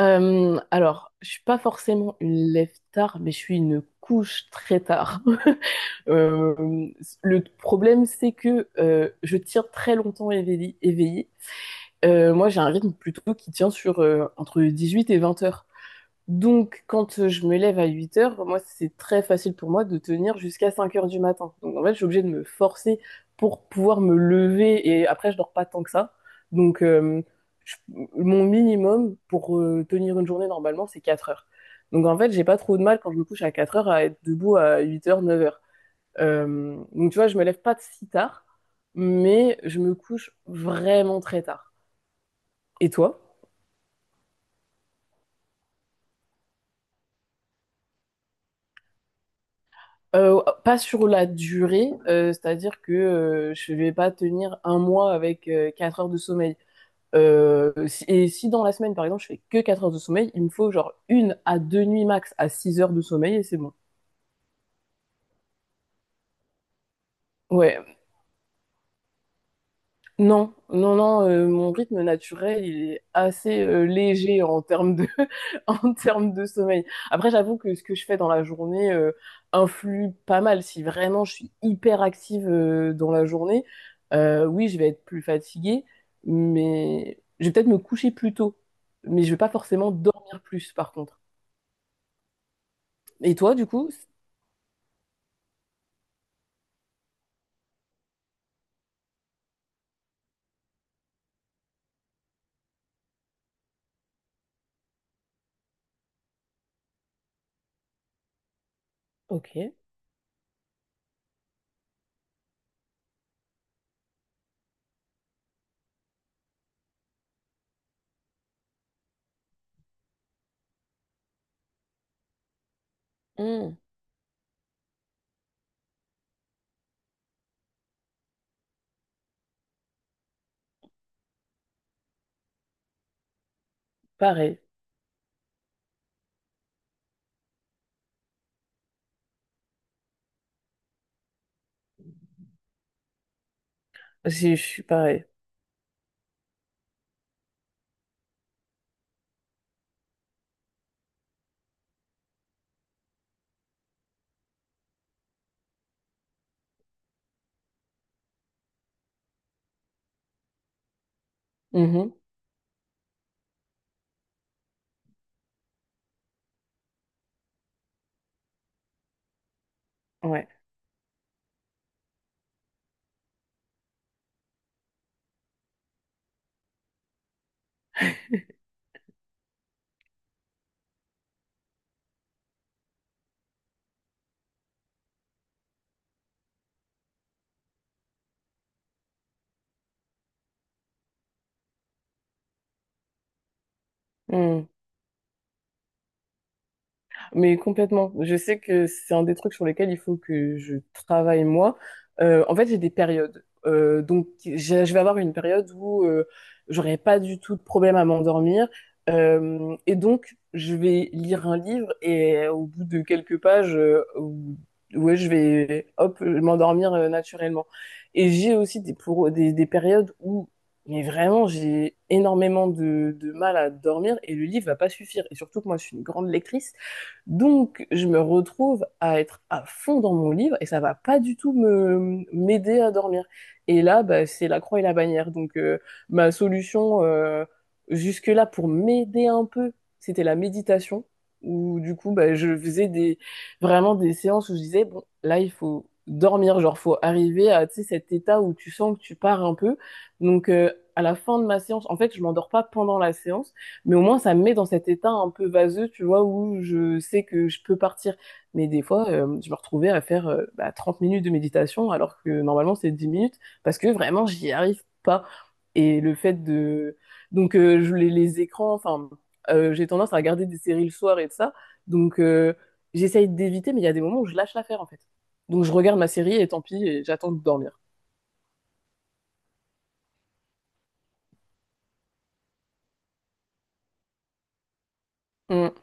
Je suis pas forcément une lève tard, mais je suis une couche très tard. Euh, le problème, c'est que je tire très longtemps éveillée. Moi, j'ai un rythme plutôt qui tient sur entre 8 et 20 heures. Donc, quand je me lève à 8 heures, moi, c'est très facile pour moi de tenir jusqu'à 5 heures du matin. Donc, en fait, je suis obligée de me forcer pour pouvoir me lever et après, je dors pas tant que ça. Donc, euh, je- Mon minimum pour tenir une journée normalement, c'est 4 heures. Donc, en fait, j'ai pas trop de mal quand je me couche à 4 heures à être debout à 8 heures, 9 heures. Donc, tu vois, je me lève pas si tard, mais je me couche vraiment très tard. Et toi? Pas sur la durée, c'est-à-dire que je vais pas tenir un mois avec 4 heures de sommeil. Et si dans la semaine, par exemple, je fais que 4 heures de sommeil, il me faut genre une à deux nuits max à 6 heures de sommeil et c'est bon. Ouais. Non, non, non, mon rythme naturel, il est assez léger en termes de, en termes de sommeil. Après, j'avoue que ce que je fais dans la journée influe pas mal. Si vraiment je suis hyper active dans la journée, oui, je vais être plus fatiguée, mais je vais peut-être me coucher plus tôt. Mais je vais pas forcément dormir plus, par contre. Et toi, du coup? Ok. Hmm. Pareil. Je suis pareil. Mhm. Ouais. Mais complètement. Je sais que c'est un des trucs sur lesquels il faut que je travaille moi. En fait, j'ai des périodes. Je vais avoir une période où j'aurai pas du tout de problème à m'endormir. Et donc, je vais lire un livre et au bout de quelques pages, ouais, je vais hop m'endormir naturellement. Et j'ai aussi des périodes où mais vraiment, j'ai énormément de mal à dormir et le livre va pas suffire. Et surtout que moi, je suis une grande lectrice. Donc, je me retrouve à être à fond dans mon livre et ça va pas du tout me m'aider à dormir. Et là, bah, c'est la croix et la bannière. Ma solution jusque-là pour m'aider un peu, c'était la méditation. Où du coup, bah, je faisais des vraiment des séances où je disais bon, là, il faut dormir, genre faut arriver à tu sais, cet état où tu sens que tu pars un peu. Donc, à la fin de ma séance, en fait, je m'endors pas pendant la séance. Mais au moins, ça me met dans cet état un peu vaseux, tu vois, où je sais que je peux partir. Mais des fois, je me retrouvais à faire 30 minutes de méditation, alors que normalement, c'est 10 minutes, parce que vraiment, j'y arrive pas. Et le fait de... Les écrans, j'ai tendance à regarder des séries le soir et de ça. Donc, euh, J'essaye d'éviter, mais il y a des moments où je lâche l'affaire, en fait. Donc, je regarde ma série et tant pis, et j'attends de dormir. Mm.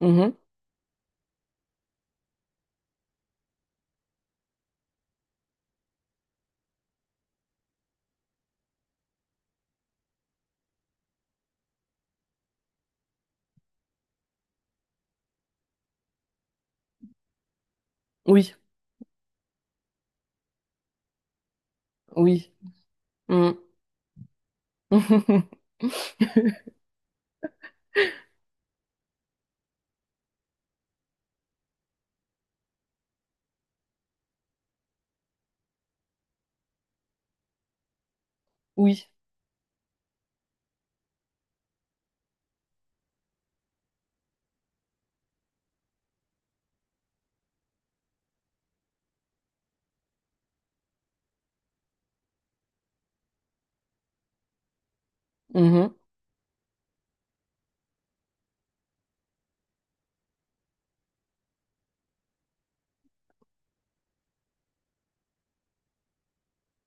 Mhm. Oui, oui. Mm. Oui. Mhm.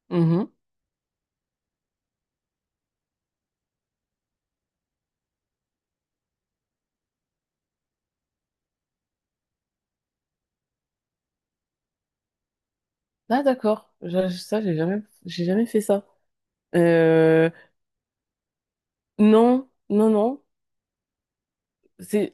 Mhm. Ah d'accord. Ça j'ai jamais fait ça. Euh, non, non, non, c'est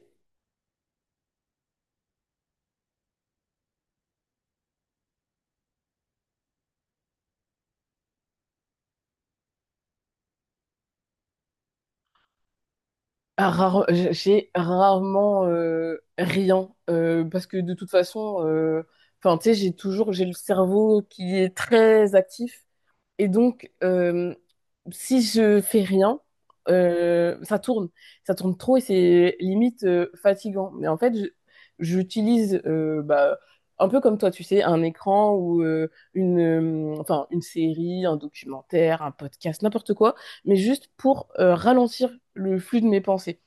rare, j'ai rarement rien parce que de toute façon, enfin tu sais, j'ai le cerveau qui est très actif. Et donc, si je fais rien, ça tourne. Ça tourne trop et c'est limite fatigant. J'utilise un peu comme toi, tu sais, un écran ou enfin, une série, un documentaire, un podcast, n'importe quoi, mais juste pour ralentir le flux de mes pensées.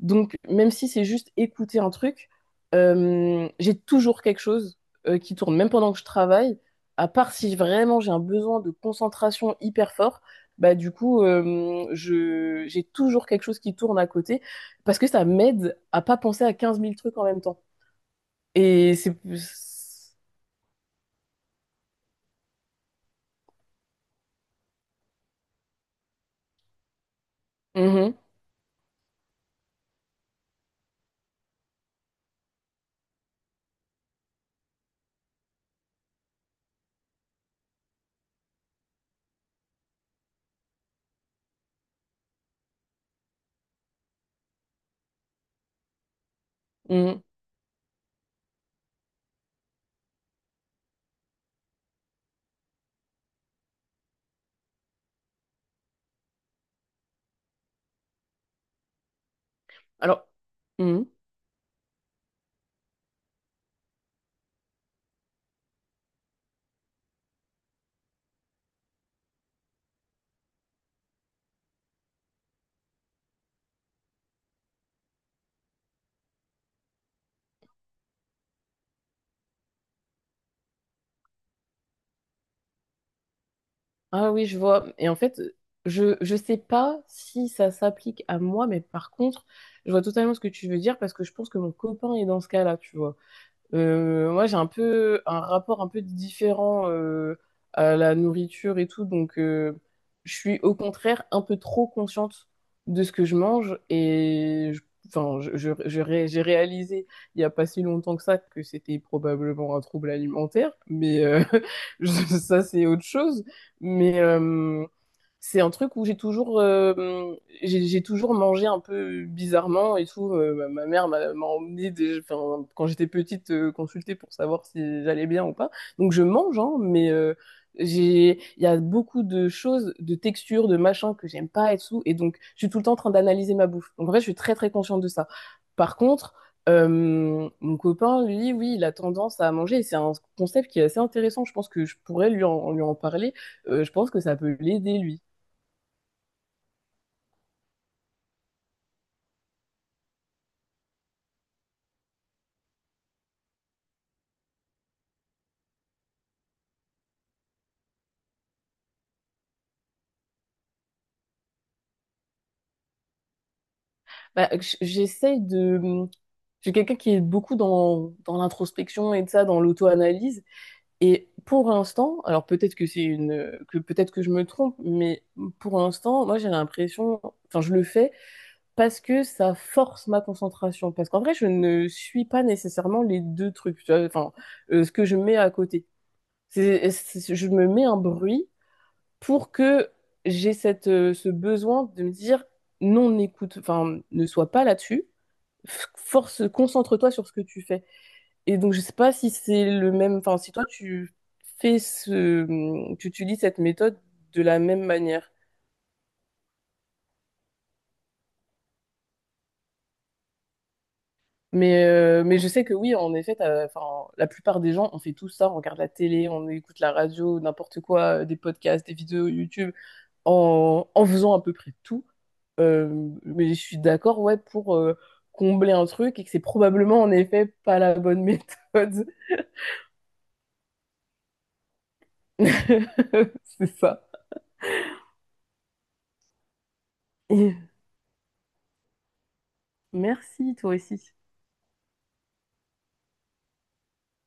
Donc, même si c'est juste écouter un truc, j'ai toujours quelque chose qui tourne, même pendant que je travaille, à part si vraiment j'ai un besoin de concentration hyper fort, bah du coup, j'ai toujours quelque chose qui tourne à côté, parce que ça m'aide à pas penser à 15 000 trucs en même temps. Et c'est... Mhm, mhm. Alors... mhm. Ah oui, je vois. Et en fait, je sais pas si ça s'applique à moi, mais par contre, je vois totalement ce que tu veux dire parce que je pense que mon copain est dans ce cas-là, tu vois. Moi, j'ai un peu un rapport un peu différent à la nourriture et tout, donc je suis au contraire un peu trop consciente de ce que je mange enfin, j'ai réalisé il n'y a pas si longtemps que ça que c'était probablement un trouble alimentaire, je- ça c'est autre chose. Mais euh, c'est un truc où j'ai toujours, j'ai toujours mangé un peu bizarrement et tout. Ma mère m'a emmené enfin, quand j'étais petite consulter pour savoir si j'allais bien ou pas. Donc je mange, hein, mais j'ai, il y a beaucoup de choses, de textures, de machins que j'aime pas et tout. Et donc je suis tout le temps en train d'analyser ma bouffe. Donc en fait, je suis très très consciente de ça. Par contre, mon copain, lui, oui, il a tendance à manger. Et c'est un concept qui est assez intéressant. Je pense que je pourrais lui en parler. Je pense que ça peut l'aider, lui. J'essaye de... Je suis quelqu'un qui est beaucoup dans l'introspection et de ça, dans l'auto-analyse. Et pour l'instant, alors peut-être que c'est une... que peut-être que je me trompe, mais pour l'instant, moi j'ai l'impression... Enfin, je le fais parce que ça force ma concentration. Parce qu'en vrai, je ne suis pas nécessairement les deux trucs. Tu vois, enfin, ce que je mets à côté. Je me mets un bruit pour que j'ai cette, ce besoin de me dire non, enfin, ne sois pas là-dessus force, concentre-toi sur ce que tu fais. Et donc, je sais pas si c'est le même, enfin, si toi, tu tu utilises cette méthode de la même manière. Mais je sais que oui, en effet, enfin, la plupart des gens, on fait tout ça, on regarde la télé, on écoute la radio, n'importe quoi, des podcasts, des vidéos YouTube, en faisant à peu près tout. Mais je suis d'accord, ouais, pour combler un truc et que c'est probablement en effet pas la bonne méthode. C'est ça. Merci, toi aussi.